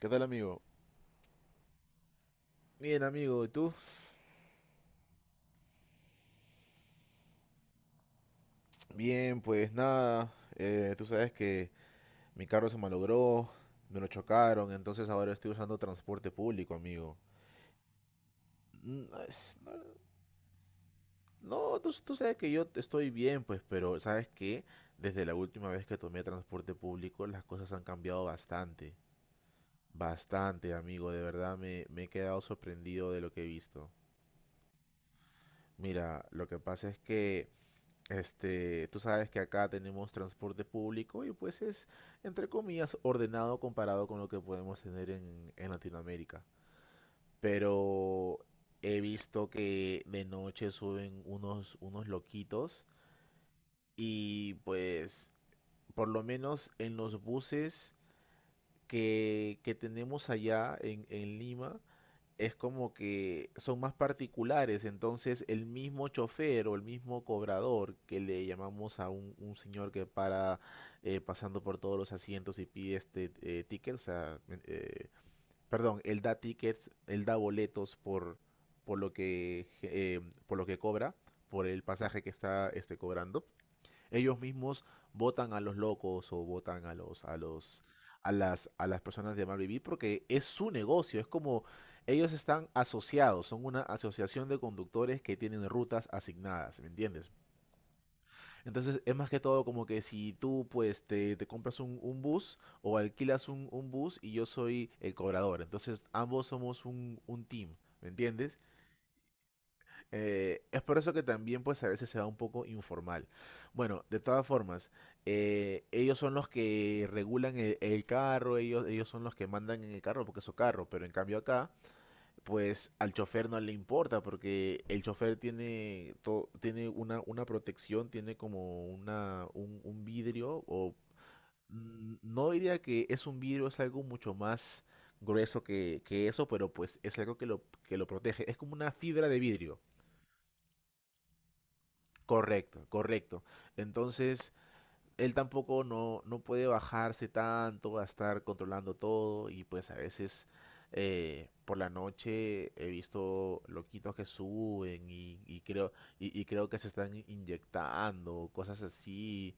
¿Qué tal, amigo? Bien, amigo, ¿y tú? Bien, pues nada, tú sabes que mi carro se malogró, me lo chocaron, entonces ahora estoy usando transporte público, amigo. Mm, es- No, tú sabes que yo estoy bien, pues, pero ¿sabes qué? Desde la última vez que tomé transporte público, las cosas han cambiado bastante. Bastante, amigo, de verdad me he quedado sorprendido de lo que he visto. Mira, lo que pasa es que tú sabes que acá tenemos transporte público y pues es, entre comillas, ordenado comparado con lo que podemos tener en Latinoamérica. Pero he visto que de noche suben unos loquitos y pues por lo menos en los buses que tenemos allá en Lima, es como que son más particulares. Entonces el mismo chofer o el mismo cobrador, que le llamamos a un señor que para pasando por todos los asientos y pide este tickets. O sea, eh, perdón, él da tickets, él da boletos por lo que por lo que cobra, por el pasaje que está este, cobrando, ellos mismos votan a los locos o votan a los a los a las personas de mal vivir porque es su negocio. Es como ellos están asociados, son una asociación de conductores que tienen rutas asignadas, ¿me entiendes? Entonces es más que todo como que si tú pues te compras un bus o alquilas un bus y yo soy el cobrador, entonces ambos somos un team, ¿me entiendes? Es por eso que también pues a veces se da un poco informal. Bueno, de todas formas, ellos son los que regulan el carro, ellos son los que mandan en el carro porque es su carro. Pero en cambio acá pues al chofer no le importa porque el chofer tiene, tiene una protección, tiene como un vidrio o no diría que es un vidrio, es algo mucho más grueso que eso, pero pues es algo que lo protege, es como una fibra de vidrio. Correcto, correcto. Entonces, él tampoco no, no puede bajarse tanto a estar controlando todo y pues a veces por la noche he visto loquitos que suben y creo que se están inyectando, cosas así.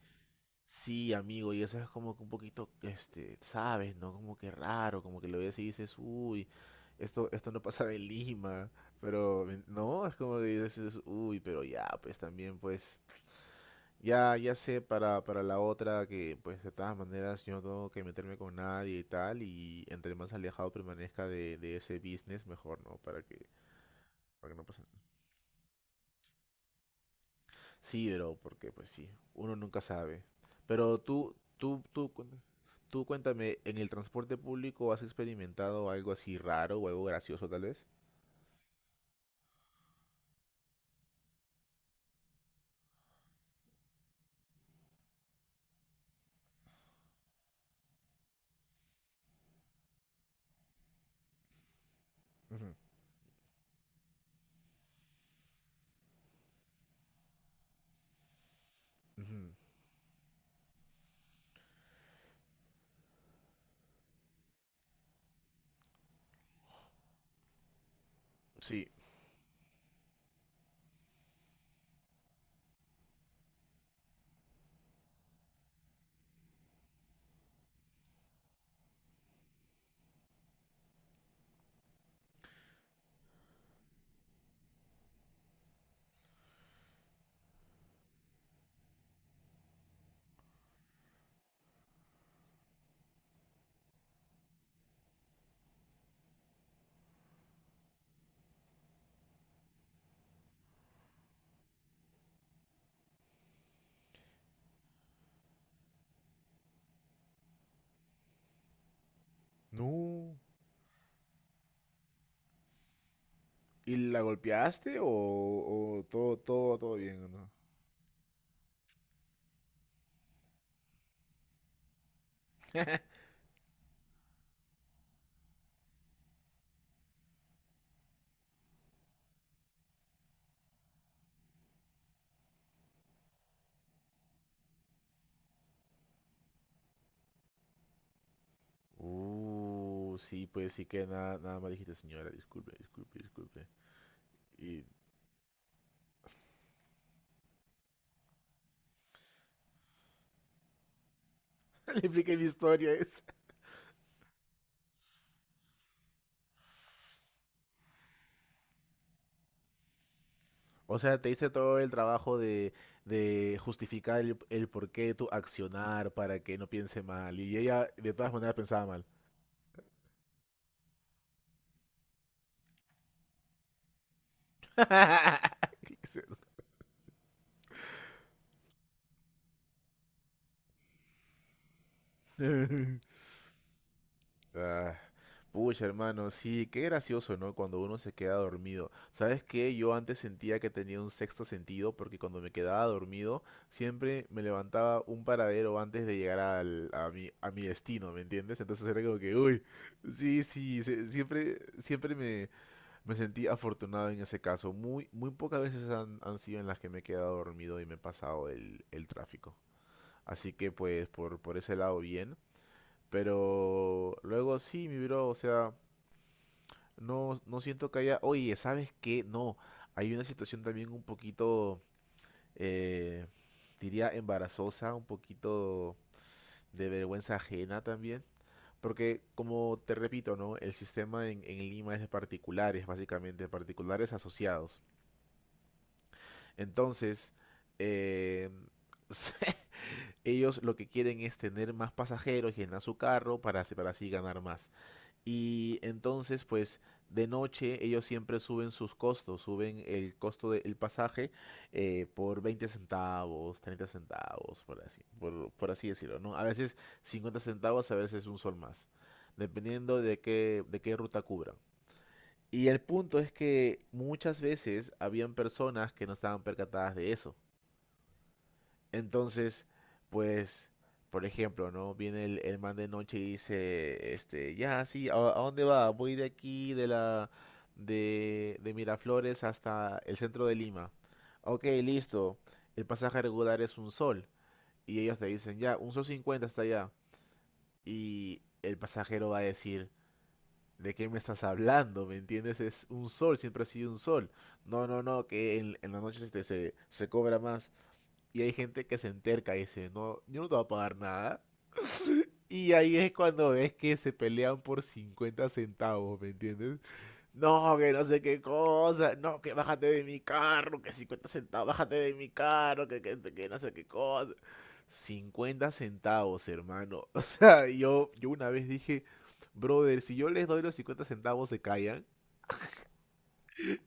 Sí, amigo, y eso es como que un poquito, este, sabes, ¿no? Como que raro, como que lo ves y dices, uy, esto no pasa de Lima, pero no, es como que dices, uy, pero ya, pues también pues ya sé para la otra, que pues de todas maneras yo no tengo que meterme con nadie y tal, y entre más alejado permanezca de ese business mejor, ¿no? Para que no pase nada. Sí, pero porque pues sí, uno nunca sabe. Pero tú cuéntame, ¿en el transporte público has experimentado algo así raro o algo gracioso tal vez? Ujú, ujú. Sí. No. ¿Y la golpeaste o todo, todo, todo bien, o no? Sí, pues sí, que nada, nada más dijiste, señora, disculpe, disculpe, disculpe. Y le expliqué mi historia esa. O sea, te hice todo el trabajo de justificar el porqué de tu accionar para que no piense mal. Y ella de todas maneras pensaba mal. Ah, pucha, hermano, sí, qué gracioso, ¿no? Cuando uno se queda dormido. ¿Sabes qué? Yo antes sentía que tenía un sexto sentido porque cuando me quedaba dormido siempre me levantaba un paradero antes de llegar al, a mi destino, ¿me entiendes? Entonces era como que, uy, sí, sí, siempre, me sentí afortunado en ese caso. Muy, muy pocas veces han, han sido en las que me he quedado dormido y me he pasado el tráfico. Así que pues por ese lado bien. Pero luego sí, mi bro, o sea... No, no siento que haya. Oye, ¿sabes qué? No. Hay una situación también un poquito, eh, diría, embarazosa, un poquito de vergüenza ajena también. Porque, como te repito, ¿no? El sistema en Lima es de particulares, básicamente, de particulares asociados. Entonces, eh, ellos lo que quieren es tener más pasajeros, llenar su carro para, para así ganar más. Y entonces, pues de noche ellos siempre suben sus costos, suben el costo del pasaje por 20 centavos, 30 centavos, por así decirlo, ¿no? A veces 50 centavos, a veces un sol más, dependiendo de qué ruta cubran. Y el punto es que muchas veces habían personas que no estaban percatadas de eso. Entonces, pues, por ejemplo, ¿no? Viene el man de noche y dice, este, ya, sí, a dónde va? Voy de aquí, de Miraflores hasta el centro de Lima. Ok, listo. El pasaje regular es un sol. Y ellos te dicen, ya, un sol 50 hasta allá. Y el pasajero va a decir, ¿de qué me estás hablando? ¿Me entiendes? Es un sol, siempre ha sido un sol. No, no, no, que en la noche este, se cobra más. Y hay gente que se enterca y dice, no, yo no te voy a pagar nada. Y ahí es cuando ves que se pelean por 50 centavos, ¿me entiendes? No, que no sé qué cosa, no, que bájate de mi carro, que 50 centavos, bájate de mi carro, que no sé qué cosa. Cincuenta centavos, hermano. O sea, yo una vez dije, brother, si yo les doy los 50 centavos se callan.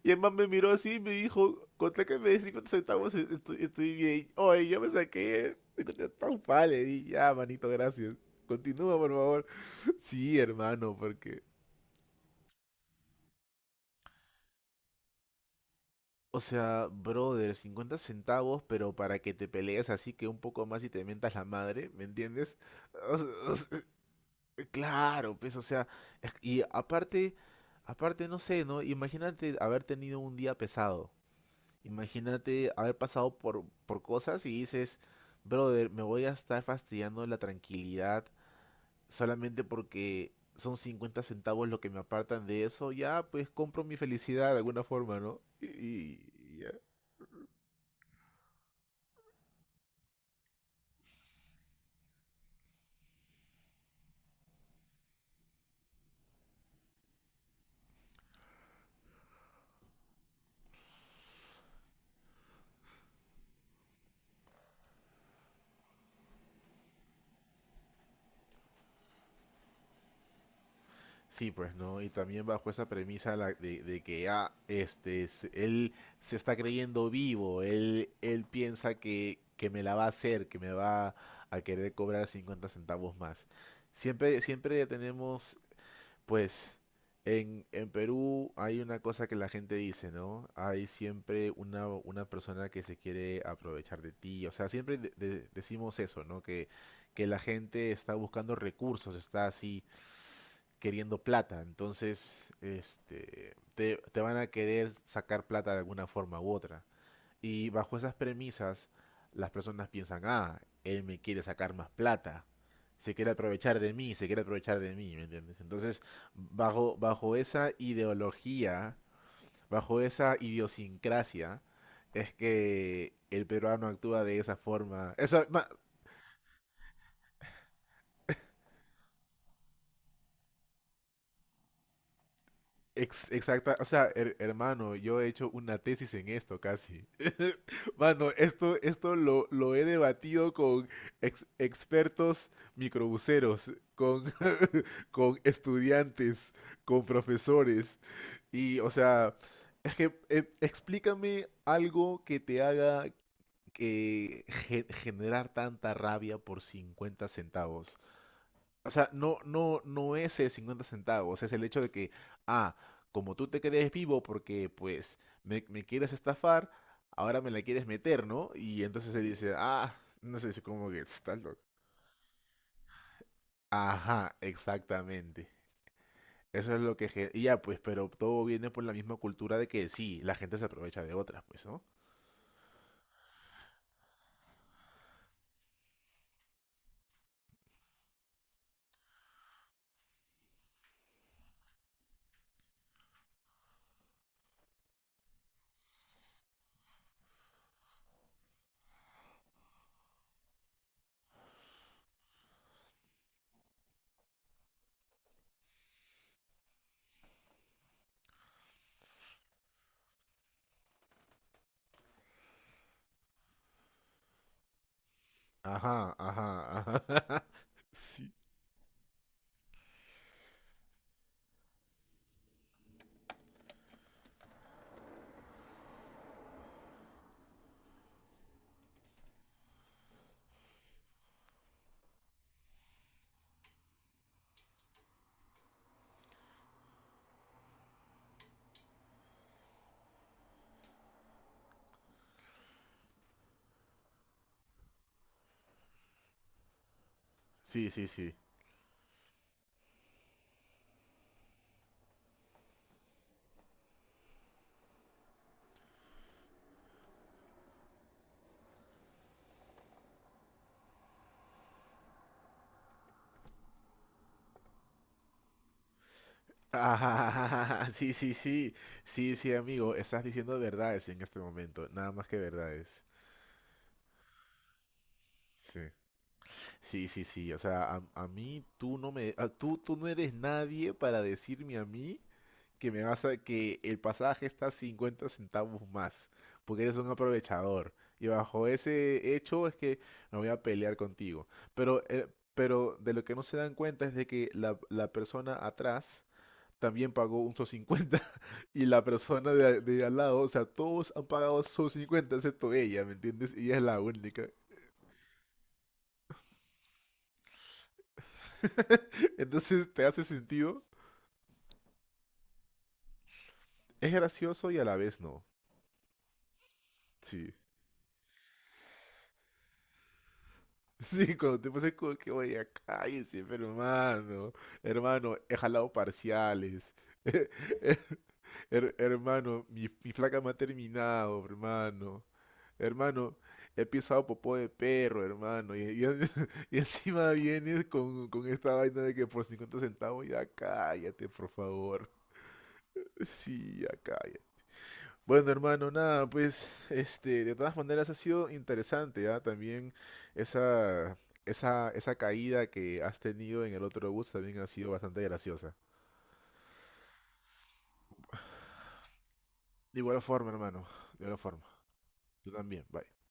Y el man me miró así y me dijo, contra que me des 50 centavos estoy, estoy bien. Oye, yo me saqué tan centavos, le di, ya, manito, gracias. Continúa, por favor. Sí, hermano, porque... O sea, brother, 50 centavos, pero para que te pelees así, que un poco más y te mientas la madre, ¿me entiendes? O s- o s- claro, pues, o sea, y aparte, aparte, no sé, ¿no? Imagínate haber tenido un día pesado. Imagínate haber pasado por cosas y dices, brother, me voy a estar fastidiando la tranquilidad solamente porque son 50 centavos lo que me apartan de eso. Ya, pues compro mi felicidad de alguna forma, ¿no? Y ya. Sí, pues, ¿no? Y también bajo esa premisa de que, ah, este, él se está creyendo vivo, él piensa que me la va a hacer, que me va a querer cobrar 50 centavos más. Siempre tenemos. Pues en Perú hay una cosa que la gente dice, ¿no? Hay siempre una persona que se quiere aprovechar de ti. O sea, siempre decimos eso, ¿no? Que la gente está buscando recursos, está así queriendo plata. Entonces, este, te van a querer sacar plata de alguna forma u otra. Y bajo esas premisas, las personas piensan, ah, él me quiere sacar más plata, se quiere aprovechar de mí, se quiere aprovechar de mí, ¿me entiendes? Entonces, bajo esa ideología, bajo esa idiosincrasia, es que el peruano actúa de esa forma. Esa, exacta, o sea, hermano, yo he hecho una tesis en esto casi. Mano, esto, lo he debatido con expertos microbuseros, con estudiantes, con profesores. Y, o sea, es que explícame algo que te haga que generar tanta rabia por 50 centavos. O sea, no, no, no es el 50 centavos, es el hecho de que, ah, como tú te crees vivo porque pues me quieres estafar, ahora me la quieres meter, ¿no? Y entonces él dice, ah, no sé, es como que está loco. Ajá, exactamente. Eso es lo que... Y ya, pues, pero todo viene por la misma cultura de que sí, la gente se aprovecha de otras, pues, ¿no? Ajá, ajá, ajá. Sí, sí, sí, sí. Ajá, sí, sí, sí. Sí, sí, amigo, estás diciendo verdades en este momento, nada más que verdades. Sí. Sí, sí, sí, o sea, a mí tú no me... tú, tú no eres nadie para decirme a mí que me vas a, que el pasaje está 50 centavos más, porque eres un aprovechador. Y bajo ese hecho es que me voy a pelear contigo. Pero, eh, pero de lo que no se dan cuenta es de que la persona atrás también pagó un S/ 50 y la persona de al lado, o sea, todos han pagado S/ 50 excepto ella, ¿me entiendes? Y ella es la única. Entonces, ¿te hace sentido? Es gracioso y a la vez no. Sí. Sí, cuando te pasas como que, oye, ya cállense, pero hermano, hermano, he jalado parciales. Hermano, mi flaca me ha terminado, hermano. Hermano, he pisado popó de perro, hermano. Y encima vienes con esta vaina de que por 50 centavos, ya cállate, por favor. Sí, ya cállate. Bueno, hermano, nada, pues, este, de todas maneras ha sido interesante, ¿ah? También esa, esa caída que has tenido en el otro bus también ha sido bastante graciosa. De igual forma, hermano, de igual forma. Tú también, bye.